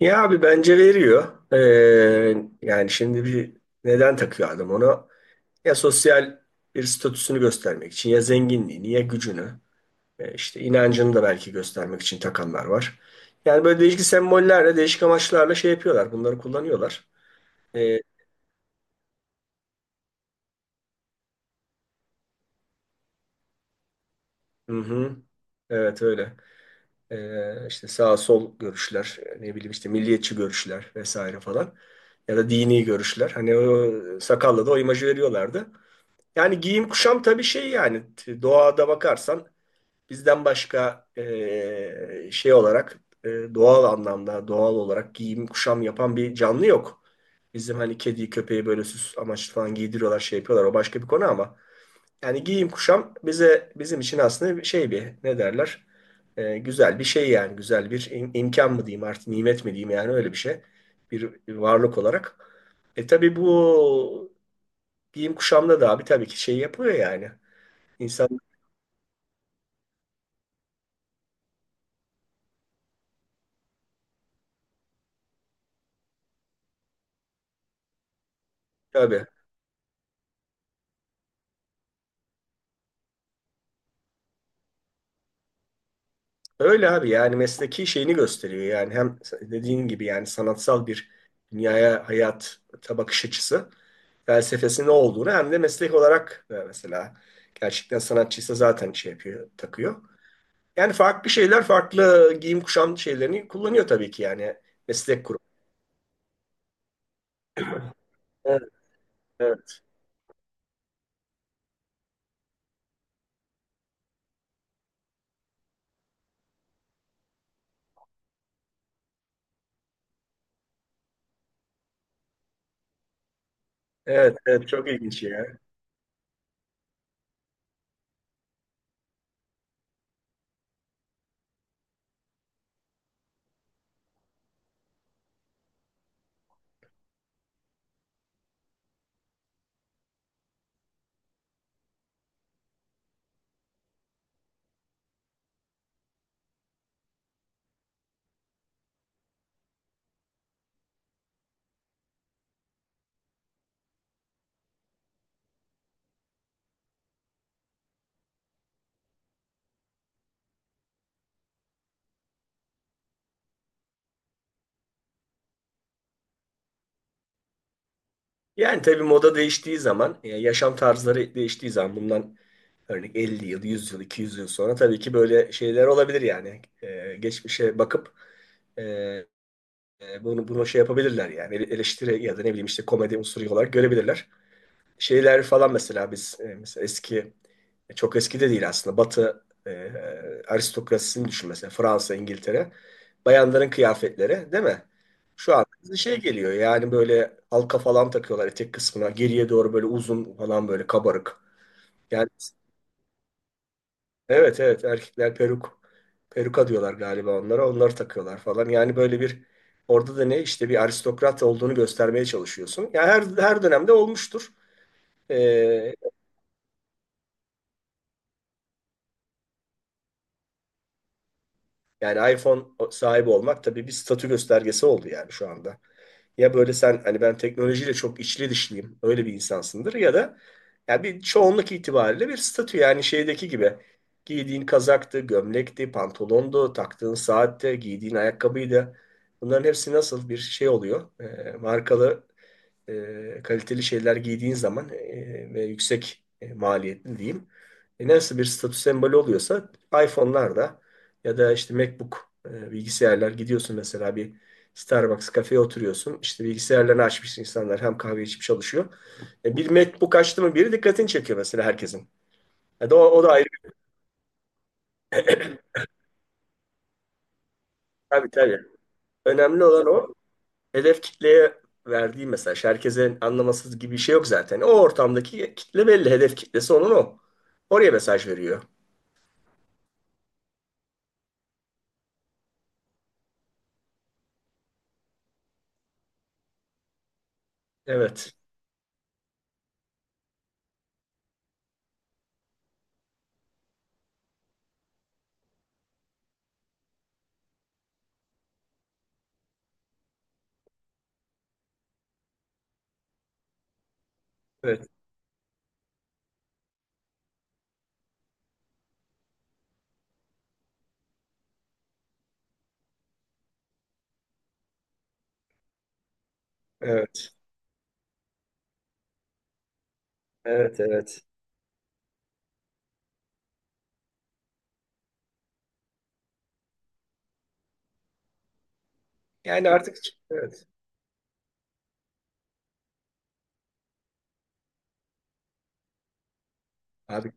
Ya abi bence veriyor. Yani şimdi neden takıyor adam onu? Ya sosyal bir statüsünü göstermek için ya zenginliğini ya gücünü, işte inancını da belki göstermek için takanlar var. Yani böyle değişik sembollerle değişik amaçlarla şey yapıyorlar, bunları kullanıyorlar. Ee, hı hı. Evet öyle. İşte sağ sol görüşler, ne bileyim işte milliyetçi görüşler vesaire falan ya da dini görüşler. Hani o sakalla da o imajı veriyorlardı. Yani giyim kuşam tabii şey yani doğada bakarsan bizden başka şey olarak doğal anlamda doğal olarak giyim kuşam yapan bir canlı yok. Bizim hani kediyi köpeği böyle süs amaçlı falan giydiriyorlar, şey yapıyorlar, o başka bir konu, ama yani giyim kuşam bize, bizim için aslında bir şey, bir ne derler, güzel bir şey yani, güzel bir imkan mı diyeyim artık, nimet mi diyeyim, yani öyle bir şey, bir varlık olarak. E tabii bu giyim kuşamda da abi tabii ki şey yapılıyor yani. İnsanlık abi. Öyle abi, yani mesleki şeyini gösteriyor yani, hem dediğin gibi yani sanatsal bir dünyaya, hayat bakış açısı, felsefesi ne olduğunu, hem de meslek olarak, mesela gerçekten sanatçıysa zaten şey yapıyor, takıyor. Yani farklı şeyler, farklı giyim kuşam şeylerini kullanıyor tabii ki yani, meslek grubu. Evet, evet. Evet, evet, çok ilginç ya. Yani tabii moda değiştiği zaman, yaşam tarzları değiştiği zaman bundan, örneğin 50 yıl, 100 yıl, 200 yıl sonra tabii ki böyle şeyler olabilir yani. Geçmişe bakıp e, bunu şey yapabilirler yani. Eleştiri ya da ne bileyim işte komedi unsuru olarak görebilirler. Şeyler falan, mesela biz mesela eski, çok eski de değil aslında. Batı aristokrasisini düşün mesela, Fransa, İngiltere. Bayanların kıyafetleri değil mi? Şu an bize şey geliyor yani, böyle halka falan takıyorlar etek kısmına. Geriye doğru böyle uzun falan, böyle kabarık. Yani Evet evet, erkekler peruka diyorlar galiba onlara, onları takıyorlar falan yani, böyle bir, orada da ne, işte bir aristokrat olduğunu göstermeye çalışıyorsun. Yani her dönemde olmuştur. Ee, Yani iPhone sahibi olmak tabii bir statü göstergesi oldu yani şu anda. Ya böyle sen hani, ben teknolojiyle çok içli dışlıyım, öyle bir insansındır, ya da ya bir çoğunluk itibariyle bir statü, yani şeydeki gibi. Giydiğin kazaktı, gömlekti, pantolondu, taktığın saatte, giydiğin ayakkabıydı. Bunların hepsi nasıl bir şey oluyor? Markalı, kaliteli şeyler giydiğin zaman, ve yüksek maliyetli diyeyim. Nasıl bir statü sembolü oluyorsa iPhone'lar da, ya da işte MacBook, bilgisayarlar, gidiyorsun mesela bir Starbucks kafeye oturuyorsun. İşte bilgisayarlarını açmış insanlar hem kahve içip çalışıyor. Bir MacBook açtı mı biri, dikkatini çekiyor mesela herkesin. Ya da o, o da ayrı bir, tabii tabii. Önemli olan o hedef kitleye verdiği mesaj. Herkesin anlaması gibi bir şey yok zaten. O ortamdaki kitle belli. Hedef kitlesi onun o. Oraya mesaj veriyor. Evet. Evet. Evet. Evet. Evet. Yani artık evet. Abi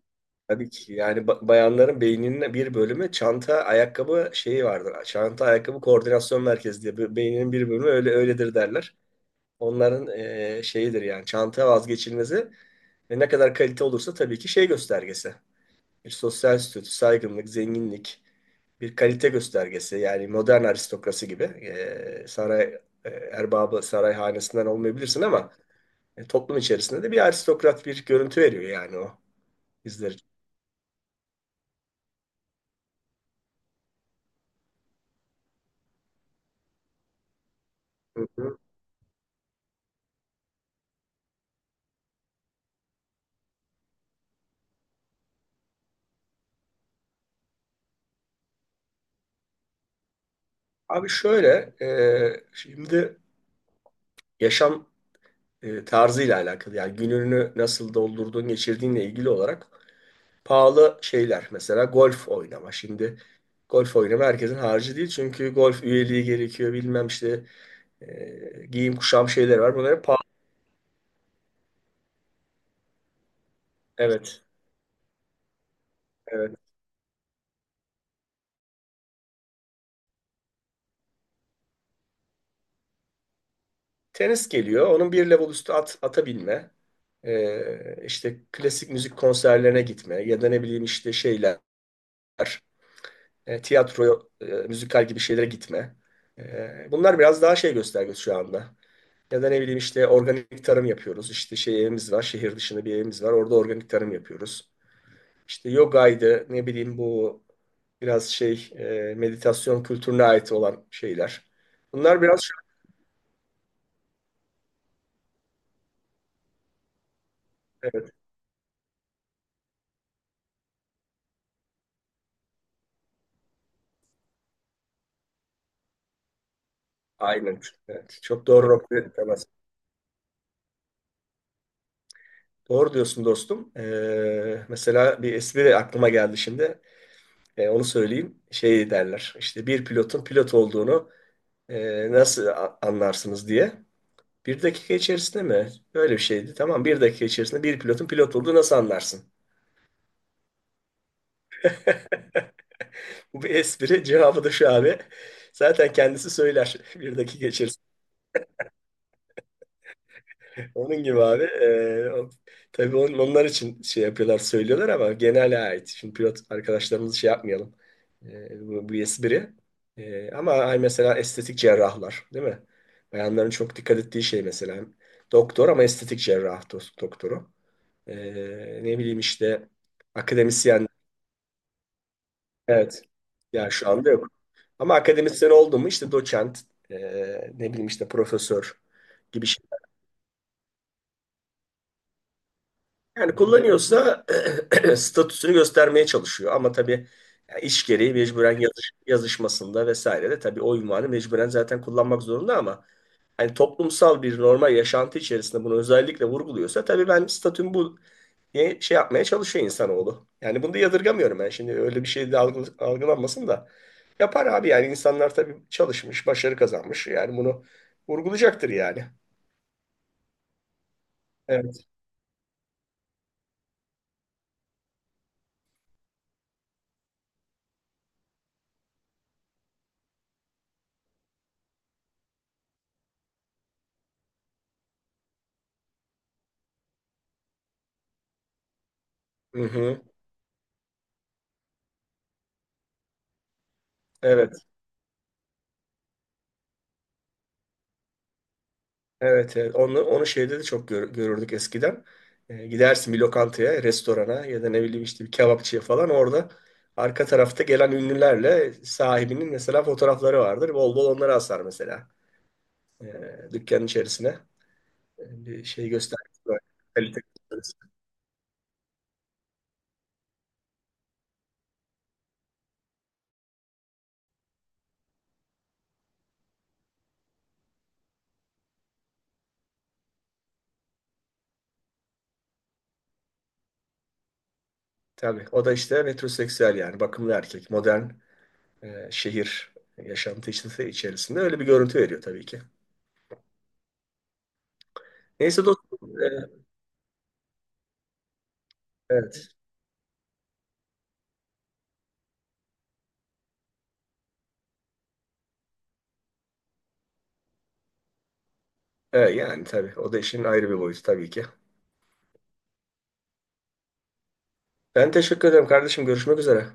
tabii ki yani, bayanların beyninin bir bölümü çanta ayakkabı şeyi vardır. Çanta ayakkabı koordinasyon merkezi diye, beyninin bir bölümü öyle öyledir derler. Onların şeyidir yani, çanta vazgeçilmezi, ve ne kadar kalite olursa tabii ki şey göstergesi. Bir sosyal statü, saygınlık, zenginlik, bir kalite göstergesi. Yani modern aristokrasi gibi, saray erbabı, saray hanesinden olmayabilirsin ama toplum içerisinde de bir aristokrat bir görüntü veriyor yani o bizler için. Abi şöyle, şimdi yaşam tarzıyla alakalı yani, gününü nasıl doldurduğun, geçirdiğinle ilgili olarak pahalı şeyler. Mesela golf oynama. Şimdi golf oynama herkesin harcı değil, çünkü golf üyeliği gerekiyor, bilmem işte giyim kuşam şeyler var. Bunları pahalı. Evet, evet. Tenis geliyor. Onun bir level üstü at, ata binme. İşte klasik müzik konserlerine gitme, ya da ne bileyim işte şeyler, tiyatro, müzikal gibi şeylere gitme. Bunlar biraz daha şey göstergesi şu anda. Ya da ne bileyim işte, organik tarım yapıyoruz. İşte şey evimiz var, şehir dışında bir evimiz var. Orada organik tarım yapıyoruz. İşte yogaydı, ne bileyim bu, biraz şey, meditasyon kültürüne ait olan şeyler. Bunlar biraz aynen. Evet, çok doğru noktaya temas. Doğru diyorsun dostum. Mesela bir espri aklıma geldi şimdi. Onu söyleyeyim. Şey derler. İşte bir pilotun pilot olduğunu nasıl anlarsınız diye. Bir dakika içerisinde mi? Böyle bir şeydi. Tamam, bir dakika içerisinde bir pilotun pilot olduğu nasıl anlarsın? Bu bir espri. Cevabı da şu abi. Zaten kendisi söyler bir dakika içerisinde. Onun gibi abi. Tabii on, onlar için şey yapıyorlar, söylüyorlar ama genele ait. Şimdi pilot arkadaşlarımızı şey yapmayalım. Bu bir espri. Ama ay, mesela estetik cerrahlar, değil mi? Bayanların çok dikkat ettiği şey mesela. Doktor, ama estetik cerrah doktoru. Ne bileyim işte akademisyen. Evet. Ya şu anda yok. Ama akademisyen oldu mu, işte doçent, e, ne bileyim işte profesör gibi şey. Yani kullanıyorsa statüsünü göstermeye çalışıyor. Ama tabii yani iş gereği mecburen, yazış, yazışmasında vesaire de tabii o ünvanı mecburen zaten kullanmak zorunda, ama hani toplumsal bir normal yaşantı içerisinde bunu özellikle vurguluyorsa tabii, ben statüm bu diye şey yapmaya çalışıyor insanoğlu. Yani bunu da yadırgamıyorum ben. Şimdi öyle bir şey de algılanmasın da. Yapar abi yani, insanlar tabii çalışmış, başarı kazanmış. Yani bunu vurgulayacaktır yani. Evet. Hı hı. Evet. Evet. Evet. Onu, onu şeyde de çok görürdük eskiden. Gidersin bir lokantaya, restorana ya da ne bileyim işte bir kebapçıya falan, orada arka tarafta gelen ünlülerle sahibinin mesela fotoğrafları vardır. Bol bol onları asar mesela. Dükkanın içerisine. Bir şey göstergesi var. Kalite göstergesi. Tabii. O da işte metroseksüel yani bakımlı erkek. Modern şehir yaşantısı içerisinde öyle bir görüntü veriyor tabii ki. Neyse dostum. Evet. Yani tabii. O da işin ayrı bir boyutu tabii ki. Ben teşekkür ederim kardeşim. Görüşmek üzere.